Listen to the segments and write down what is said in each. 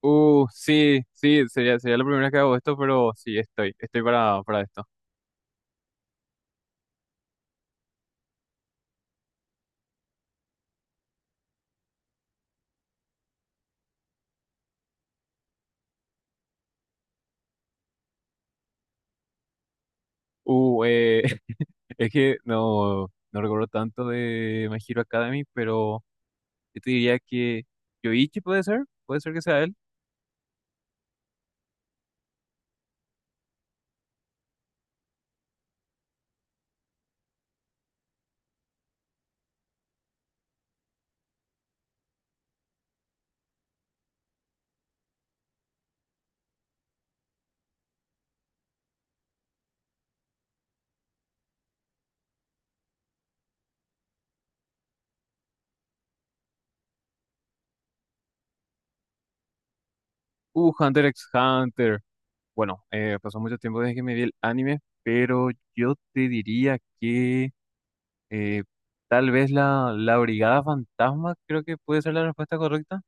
Sí, sí, sería la primera vez que hago esto, pero sí, estoy para esto. Uh, eh, es que no recuerdo tanto de My Hero Academy, pero yo te diría que Yoichi puede ser que sea él. Hunter x Hunter. Bueno, pasó mucho tiempo desde que me vi el anime, pero yo te diría que eh, tal vez la Brigada Fantasma, creo que puede ser la respuesta correcta.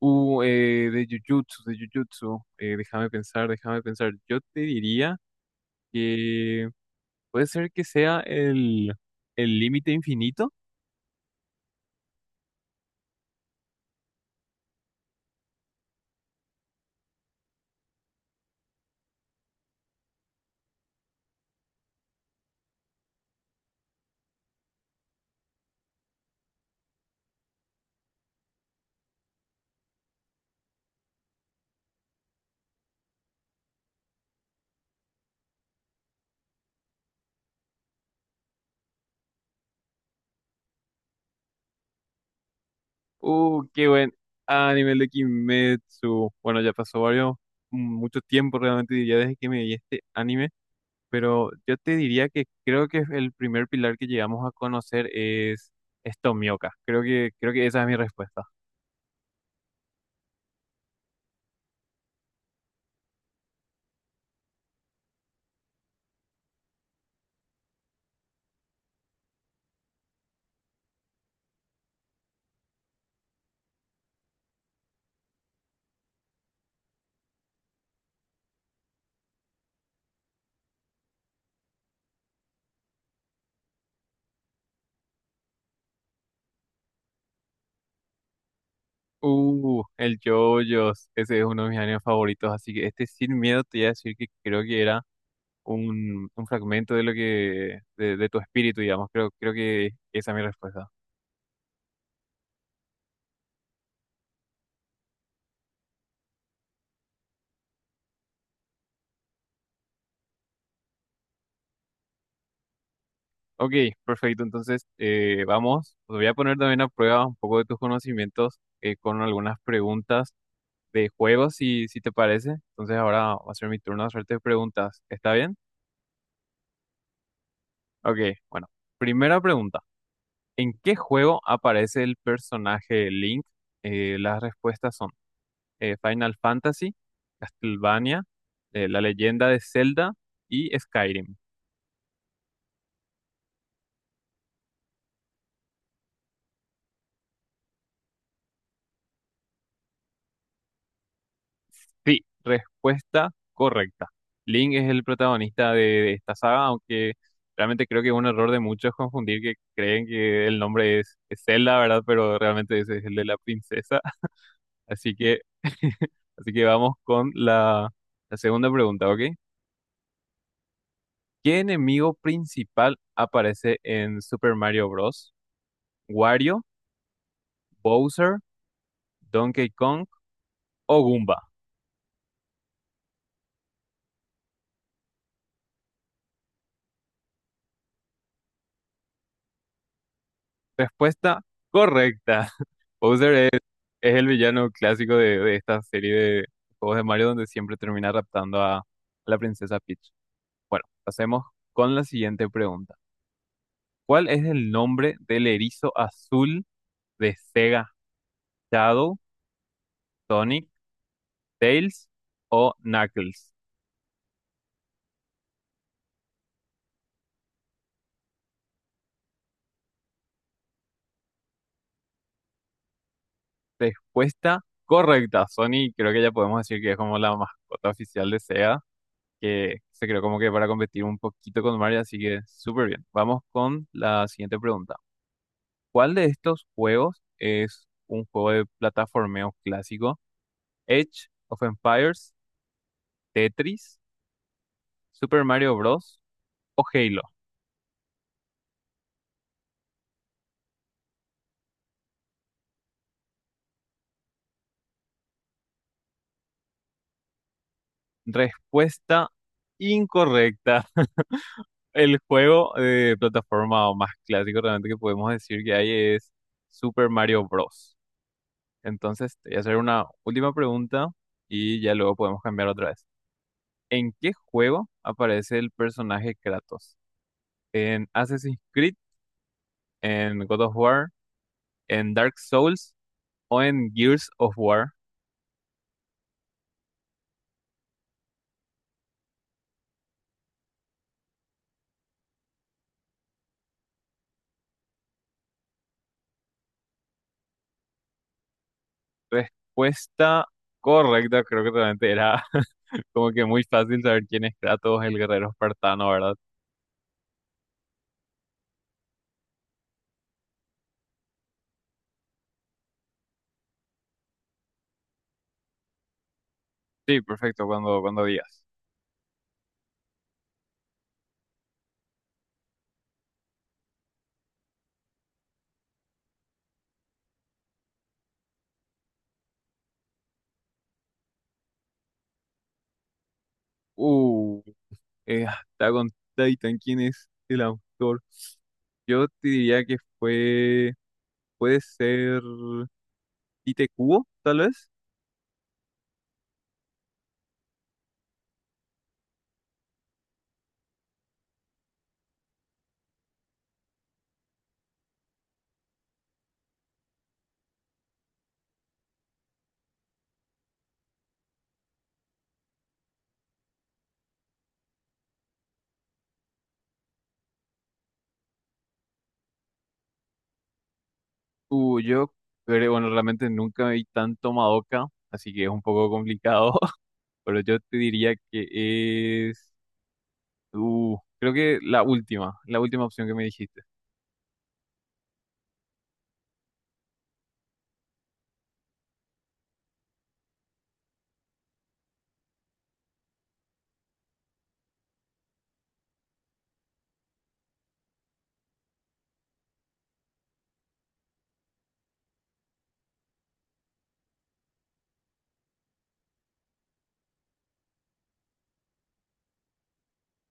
De Jujutsu, de Jujutsu. Déjame pensar, déjame pensar. Yo te diría que puede ser que sea el límite infinito. Qué buen anime el de Kimetsu. Bueno, ya pasó varios, mucho tiempo realmente diría desde que me vi este anime, pero yo te diría que creo que el primer pilar que llegamos a conocer es Tomioka. Creo que esa es mi respuesta. El JoJo's, ese es uno de mis animes favoritos, así que este sin miedo te voy a decir que creo que era un fragmento de lo que, de tu espíritu, digamos, creo que esa es mi respuesta. Ok, perfecto, entonces vamos, te voy a poner también a prueba un poco de tus conocimientos con algunas preguntas de juegos, si, si te parece. Entonces ahora va a ser mi turno de hacerte preguntas, ¿está bien? Ok, bueno, primera pregunta. ¿En qué juego aparece el personaje Link? Las respuestas son Final Fantasy, Castlevania, La Leyenda de Zelda y Skyrim. Sí, respuesta correcta. Link es el protagonista de esta saga, aunque realmente creo que es un error de muchos confundir que creen que el nombre es Zelda, ¿verdad? Pero realmente ese es el de la princesa. Así que, así que vamos con la segunda pregunta, ¿ok? ¿Qué enemigo principal aparece en Super Mario Bros? ¿Wario, Bowser, Donkey Kong o Goomba? Respuesta correcta. Bowser es el villano clásico de esta serie de juegos de Mario donde siempre termina raptando a la princesa Peach. Bueno, pasemos con la siguiente pregunta. ¿Cuál es el nombre del erizo azul de Sega? ¿Shadow, Sonic, Tails o Knuckles? Respuesta correcta. Sony creo que ya podemos decir que es como la mascota oficial de SEGA, que se creó como que para competir un poquito con Mario, así que súper bien. Vamos con la siguiente pregunta. ¿Cuál de estos juegos es un juego de plataformeo clásico? Edge of Empires, Tetris, Super Mario Bros. O Halo. Respuesta incorrecta. El juego de plataforma más clásico realmente que podemos decir que hay es Super Mario Bros. Entonces, te voy a hacer una última pregunta y ya luego podemos cambiar otra vez. ¿En qué juego aparece el personaje Kratos? ¿En Assassin's Creed? ¿En God of War? ¿En Dark Souls? ¿O en Gears of War? Respuesta correcta, creo que realmente era como que muy fácil saber quién es Kratos, el guerrero espartano, ¿verdad? Sí, perfecto, cuando digas. Uh, Attack on Titan, ¿quién es el autor? Yo te diría que fue, puede ser Tite Kubo, tal vez. Yo creo, bueno, realmente nunca vi tanto Madoka, así que es un poco complicado. Pero yo te diría que es, creo que la última opción que me dijiste.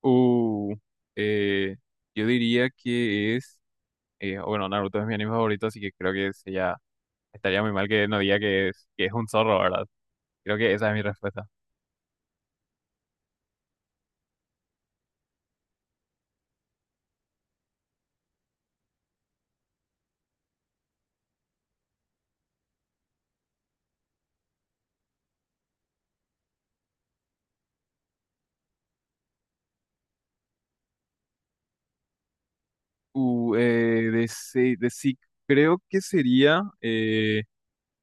Uh, eh, yo diría que es, bueno, Naruto es mi anime favorito, así que creo que sería, estaría muy mal que no diga que es un zorro, ¿verdad? Creo que esa es mi respuesta. Uh, eh, de, Se- de Sig, creo que sería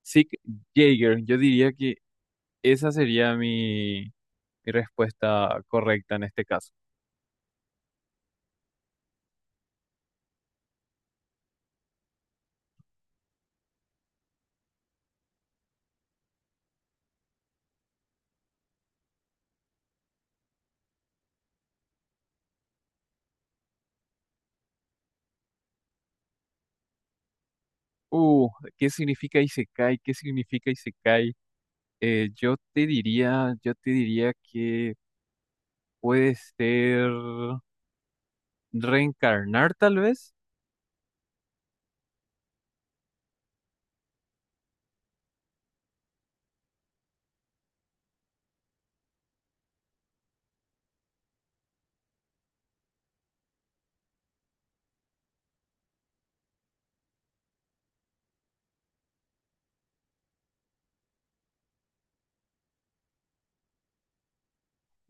Sig Jaeger. Yo diría que esa sería mi, mi respuesta correcta en este caso. Uh, ¿Qué significa Isekai? ¿Qué significa Isekai? Yo te diría que puede ser reencarnar, tal vez.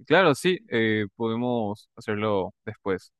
Claro, sí, podemos hacerlo después.